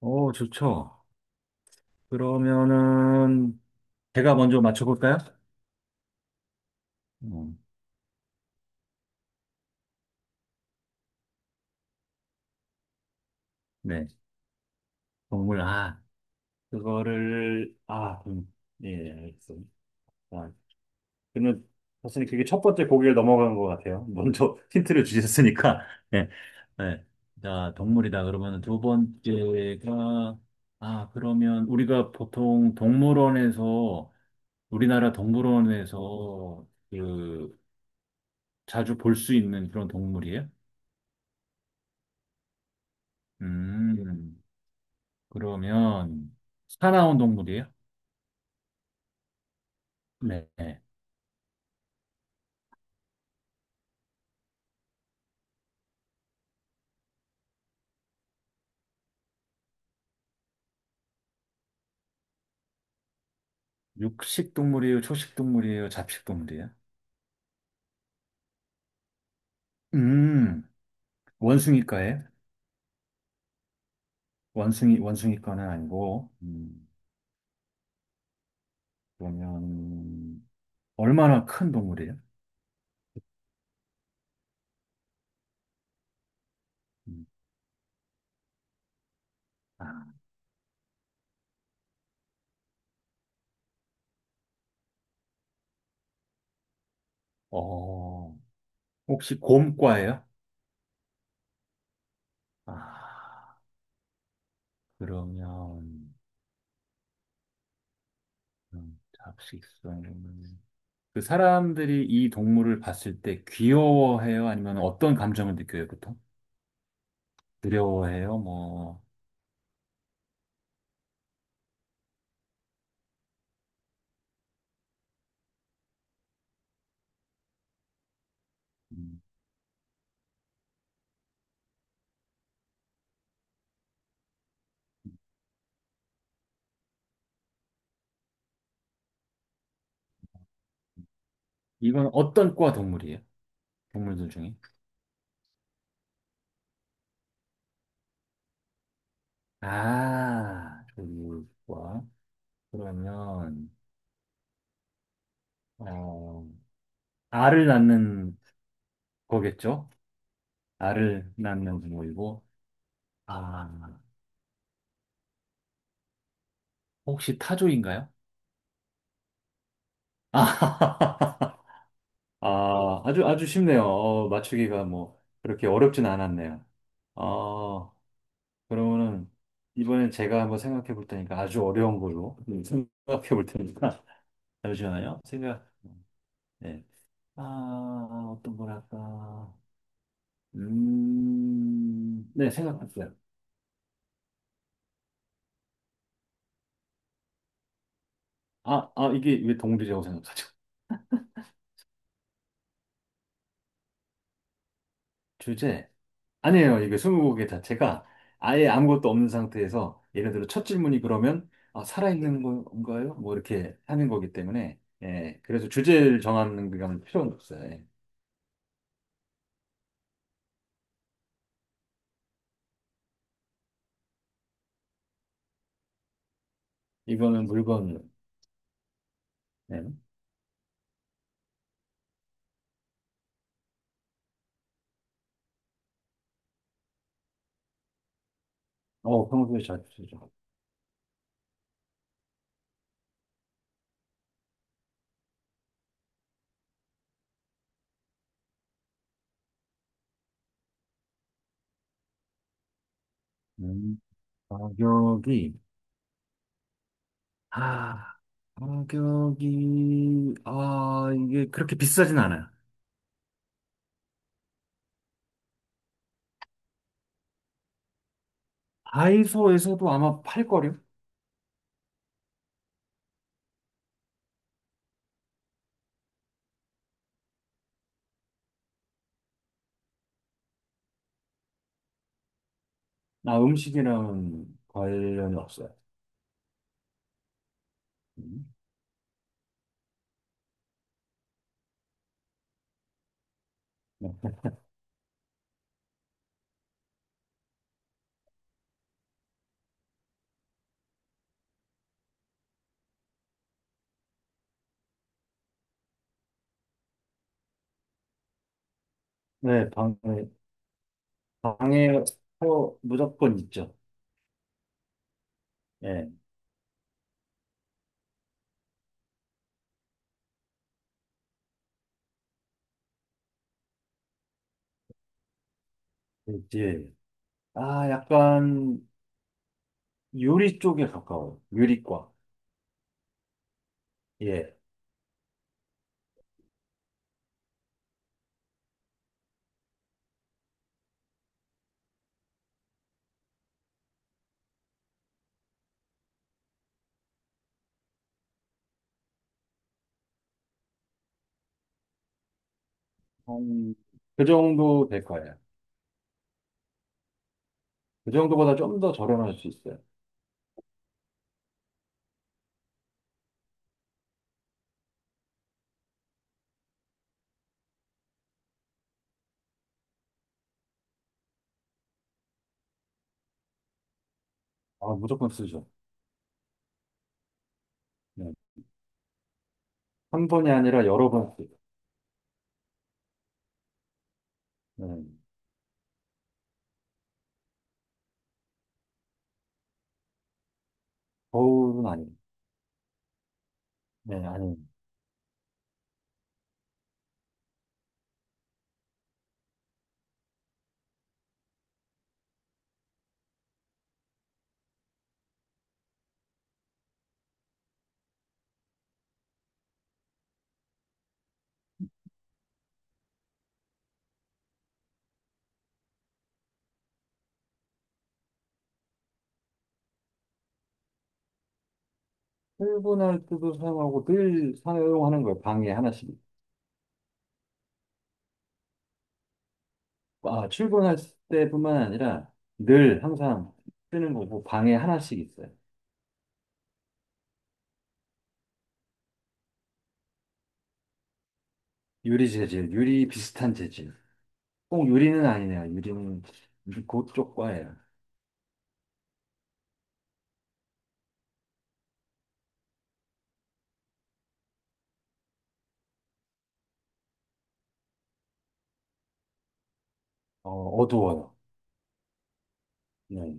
오, 좋죠. 그러면은 제가 먼저 맞춰볼까요? 음, 네. 동물, 그거를, 예, 예, 알겠습니다. 아, 그러면 사실 그게 첫 번째 고개를 넘어간 것 같아요. 먼저 힌트를 주셨으니까. 네. 네. 자, 동물이다. 그러면 두 번째가, 아, 그러면 우리가 보통 동물원에서, 우리나라 동물원에서 그, 자주 볼 수 있는 그런 동물이에요? 음. 그러면 사나운 동물이에요? 네. 육식 동물이에요? 초식 동물이에요? 잡식 동물이에요? 음, 원숭이과예요? 원숭이과는 아니고, 그러면, 얼마나 큰 동물이에요? 음, 아, 어, 혹시 곰과예요? 아, 그러면, 잡식성은, 그 사람들이 이 동물을 봤을 때 귀여워해요? 아니면 어떤 감정을 느껴요, 보통? 두려워해요? 뭐, 이건 어떤 과 동물이에요? 동물들 중에? 아, 조류과. 그러면, 어, 알을 낳는 거겠죠? 알을 낳는 동물이고, 아, 혹시 타조인가요? 아, 아, 아주, 아주 쉽네요. 어, 맞추기가 뭐, 그렇게 어렵진 않았네요. 어, 그러면은, 이번엔 제가 한번 생각해 볼 테니까 아주 어려운 걸로 생각해 볼 테니까. 잠시만요. 생각, 네. 아, 어떤 거랄까. 네, 생각났어요. 아, 아, 이게 왜 동물이라고 생각하죠? 주제? 아니에요. 이게 스무고개 자체가 아예 아무것도 없는 상태에서 예를 들어 첫 질문이 그러면 아, 살아있는 건가요? 뭐 이렇게 하는 거기 때문에 예, 그래서 주제를 정하는 그런 필요는 없어요. 예. 이거는 물건, 예. 어, 평소에 잘 쓰죠. 음, 가격이 아, 가격이, 아, 이게 그렇게 비싸진 않아요. 다이소에서도 아마 팔걸요? 나 음식이랑 관련이 없어요. 음, 네, 네, 방에, 방에 어, 무조건 있죠. 예, 있지. 아, 약간 요리 쪽에 가까워요. 요리과. 예. 한, 그 정도 될 거예요. 그 정도보다 좀 더 저렴할 수 있어요. 아, 무조건 쓰죠. 네. 한 번이 아니라 여러 번 쓰죠. 네. 거울은 아니고. 네, 아니, 출근할 때도 사용하고 늘 사용하는 거예요. 방에 하나씩. 아, 출근할 때뿐만 아니라 늘 항상 쓰는 거고 방에 하나씩 있어요. 유리 재질, 유리 비슷한 재질. 꼭 유리는 아니네요. 유리는 그쪽 과예요. 어, 어두워요. 네.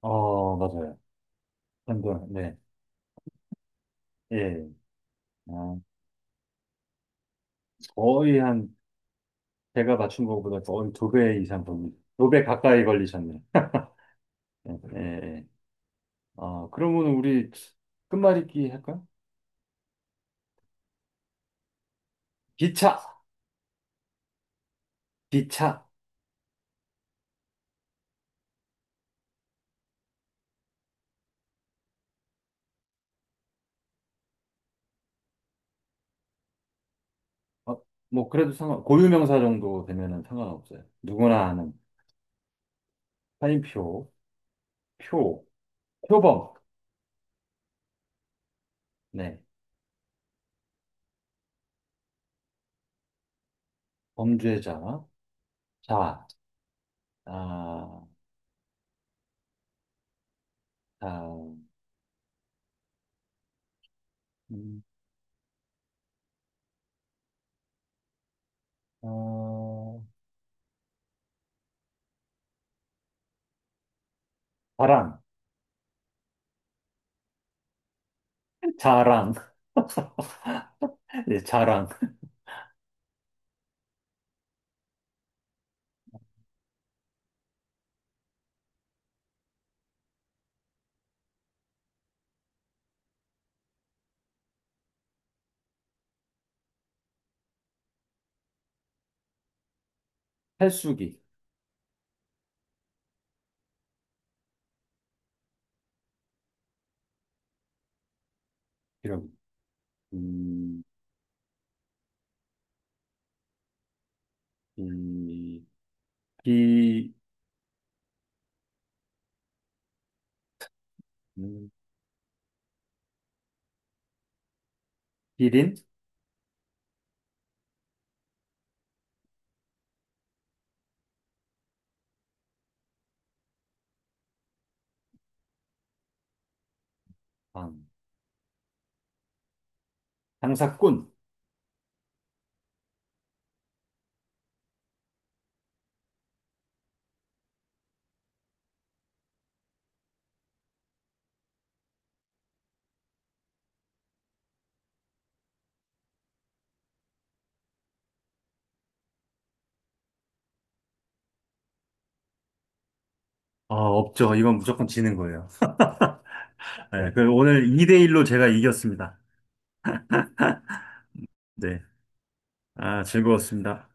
어, 맞아요. 한번, 네. 예. 아, 거의 한, 제가 맞춘 거보다 거의 두 배 이상 걸리, 두배 가까이 걸리셨네요. 예, 예. 예. 아, 그러면 우리 끝말잇기 할까요? 기차, 기차. 어, 뭐 그래도 상관, 고유명사 정도 되면은 상관없어요. 누구나 아는 사인표, 표, 표범. 네, 범죄자, 자, 아, 자, 음, 어, 자랑, 자랑, 예, 자랑, 탈수기, 이런, 음, 이, 기, 음, 기린, 방, 장사꾼. 아, 없죠. 이건 무조건 지는 거예요. 네, 그 오늘 2:1로 제가 이겼습니다. 네. 아, 즐거웠습니다.